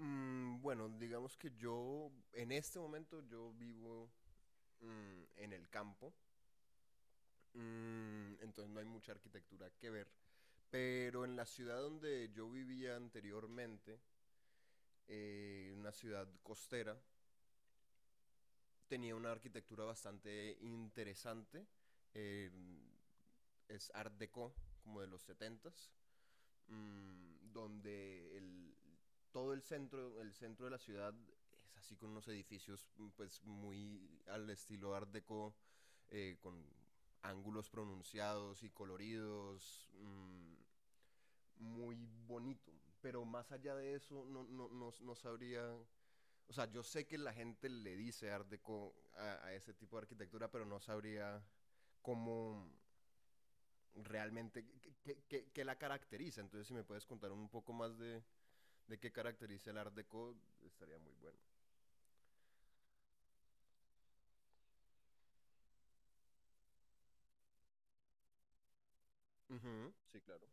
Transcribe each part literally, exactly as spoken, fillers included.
Mm, bueno, digamos que yo, en este momento, yo vivo mm, en el campo, mm, entonces no hay mucha arquitectura que ver, pero en la ciudad donde yo vivía anteriormente, eh, una ciudad costera, tenía una arquitectura bastante interesante, eh, es Art Deco, como de los setentas. Mm, donde el, todo el centro, el centro de la ciudad es así con unos edificios mm, pues muy al estilo art deco, eh, con ángulos pronunciados y coloridos, mm, muy bonito. Pero más allá de eso, no, no, no, no sabría... O sea, yo sé que la gente le dice art deco a, a ese tipo de arquitectura, pero no sabría cómo realmente, qué, qué- qué la caracteriza. Entonces, si me puedes contar un poco más de, de qué caracteriza el Art Deco estaría muy bueno. Ujú. Sí, claro.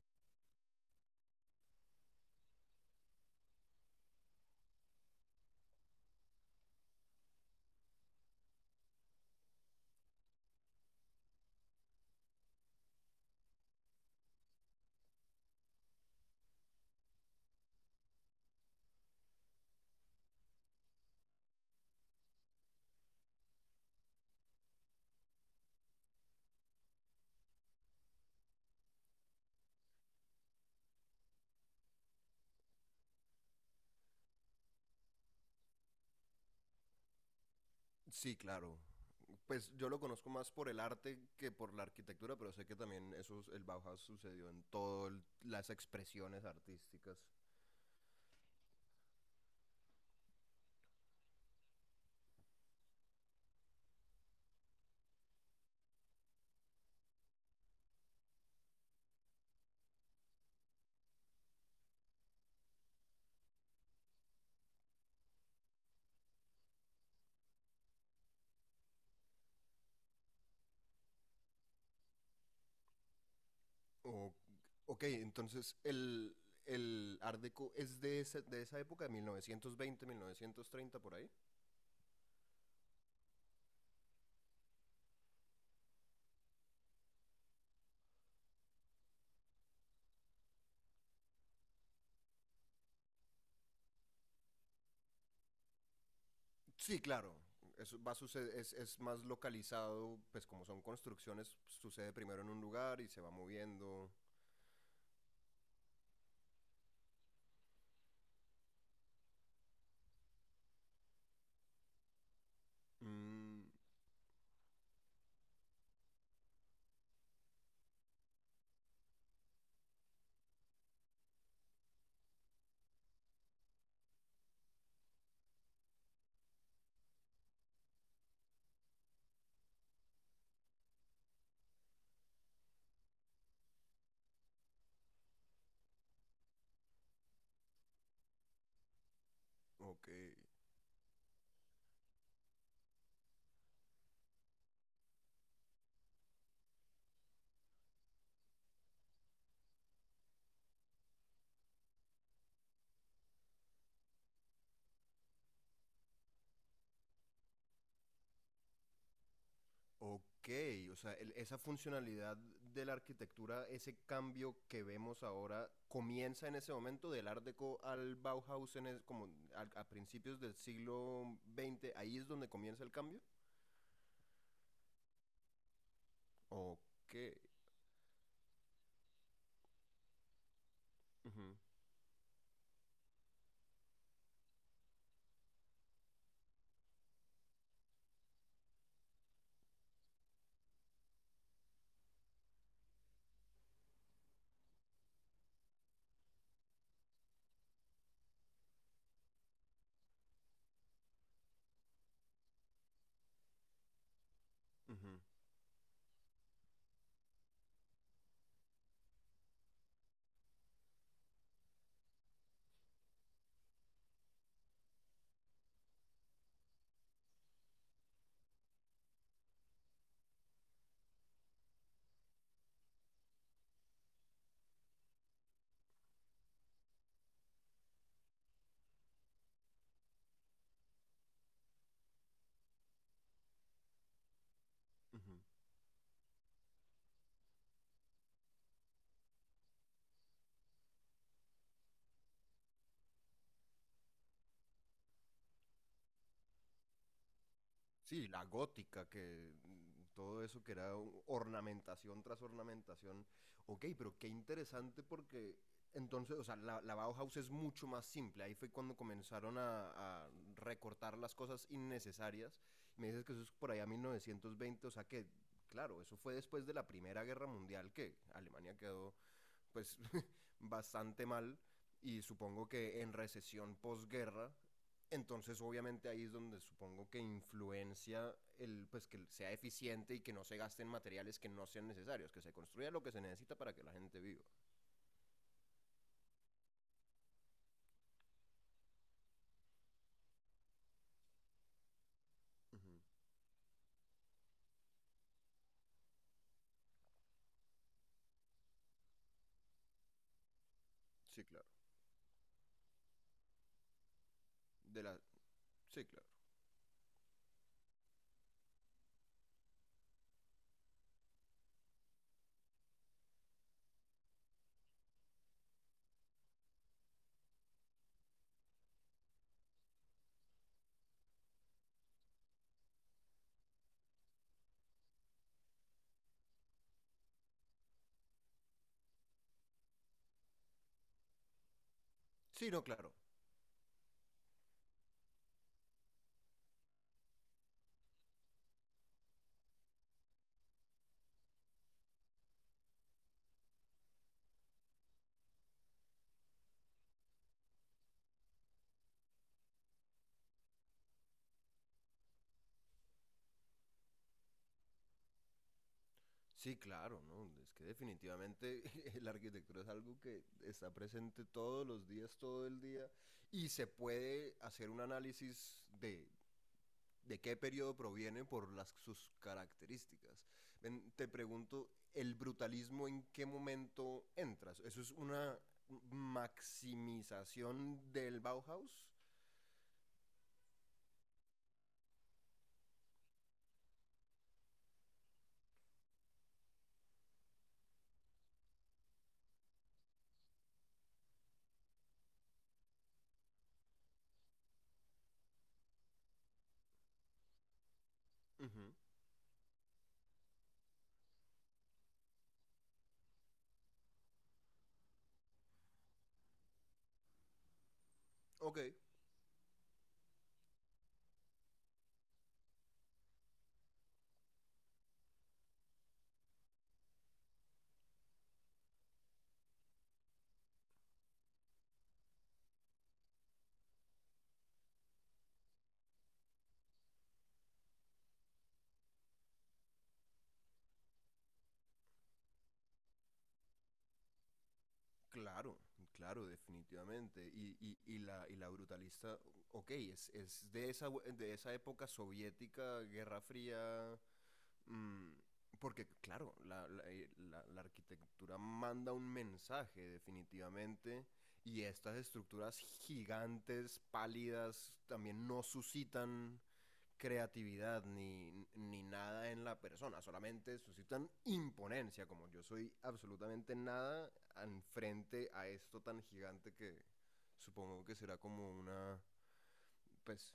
Sí, claro. Pues yo lo conozco más por el arte que por la arquitectura, pero sé que también eso, el Bauhaus sucedió en todas las expresiones artísticas. O- ok, entonces el, el Art Deco es de, ese- de esa época, mil mil novecientos veinte mil novecientos treinta por ahí. Sí, claro. Eso va a suceder, es, es más localizado, pues como son construcciones, sucede primero en un lugar y se va moviendo. Mm. Ok. Ok, o sea, el- esa funcionalidad de la arquitectura, ese cambio que vemos ahora, comienza en ese momento del Art Deco al Bauhaus en es- como al- a, principios del siglo veinte. Ahí es donde comienza el cambio. Ok. Ujú, ujú, ujú. Sí, la gótica, que mm, todo eso que era un- ornamentación tras ornamentación. Ok, pero qué interesante porque entonces, o sea, la, la Bauhaus es mucho más simple. Ahí fue cuando comenzaron a, a recortar las cosas innecesarias. Me dices que eso es por allá mil novecientos veinte, o sea que, claro, eso fue después de la Primera Guerra Mundial que Alemania quedó pues bastante mal y supongo que en recesión posguerra, entonces obviamente ahí es donde supongo que influencia el pues que sea eficiente y que no se gasten materiales que no sean necesarios, que se construya lo que se necesita para que la gente viva. Ujú. Sí, claro. De la Sí, claro. Sí, no, claro. Sí, claro, ¿no? Es que definitivamente la arquitectura es algo que está presente todos los días, todo el día, y se puede hacer un análisis de de qué periodo proviene por las, sus características. Ven, te pregunto, ¿el brutalismo en qué momento entras? ¿Eso es una maximización del Bauhaus? Ujú. Ok, claro, claro, definitivamente. Y, y- y la, y la brutalista, ok, es, es de, esa, de esa época soviética, Guerra Fría. Mm, porque, claro, la, la- eh, la- la arquitectura manda un mensaje definitivamente y estas estructuras gigantes, pálidas, también no suscitan creatividad ni, ni nada en la persona, solamente suscitan imponencia, como yo soy absolutamente nada en frente a esto tan gigante que supongo que será como una, pues,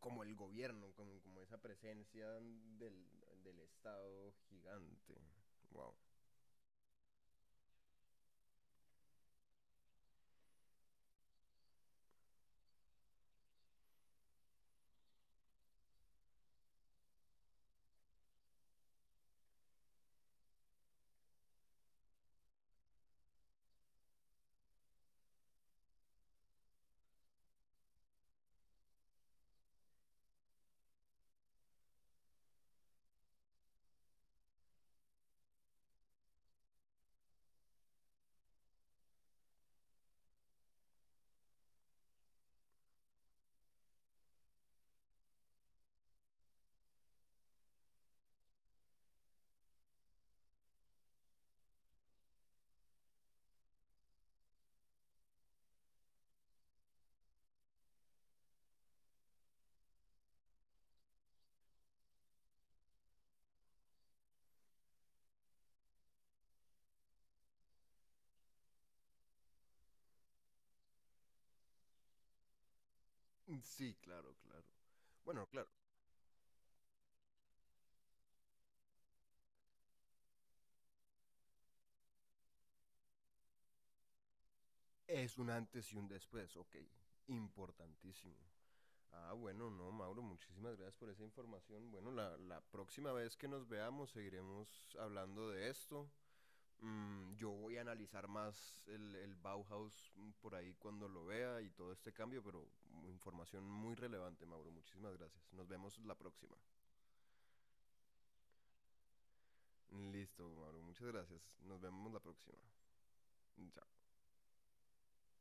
como el gobierno, como, como esa presencia del, del Estado gigante. Wow. Sí, claro, claro. Bueno, claro, es un antes y un después, ok. Importantísimo. Ah, bueno, no, Mauro, muchísimas gracias por esa información. Bueno, la, la próxima vez que nos veamos seguiremos hablando de esto. Mm, yo voy a analizar más el, el Bauhaus mm, por ahí cuando lo vea y todo este cambio, pero mm, información muy relevante, Mauro. Muchísimas gracias. Nos vemos la próxima. Listo, Mauro. Muchas gracias. Nos vemos la próxima. Chao.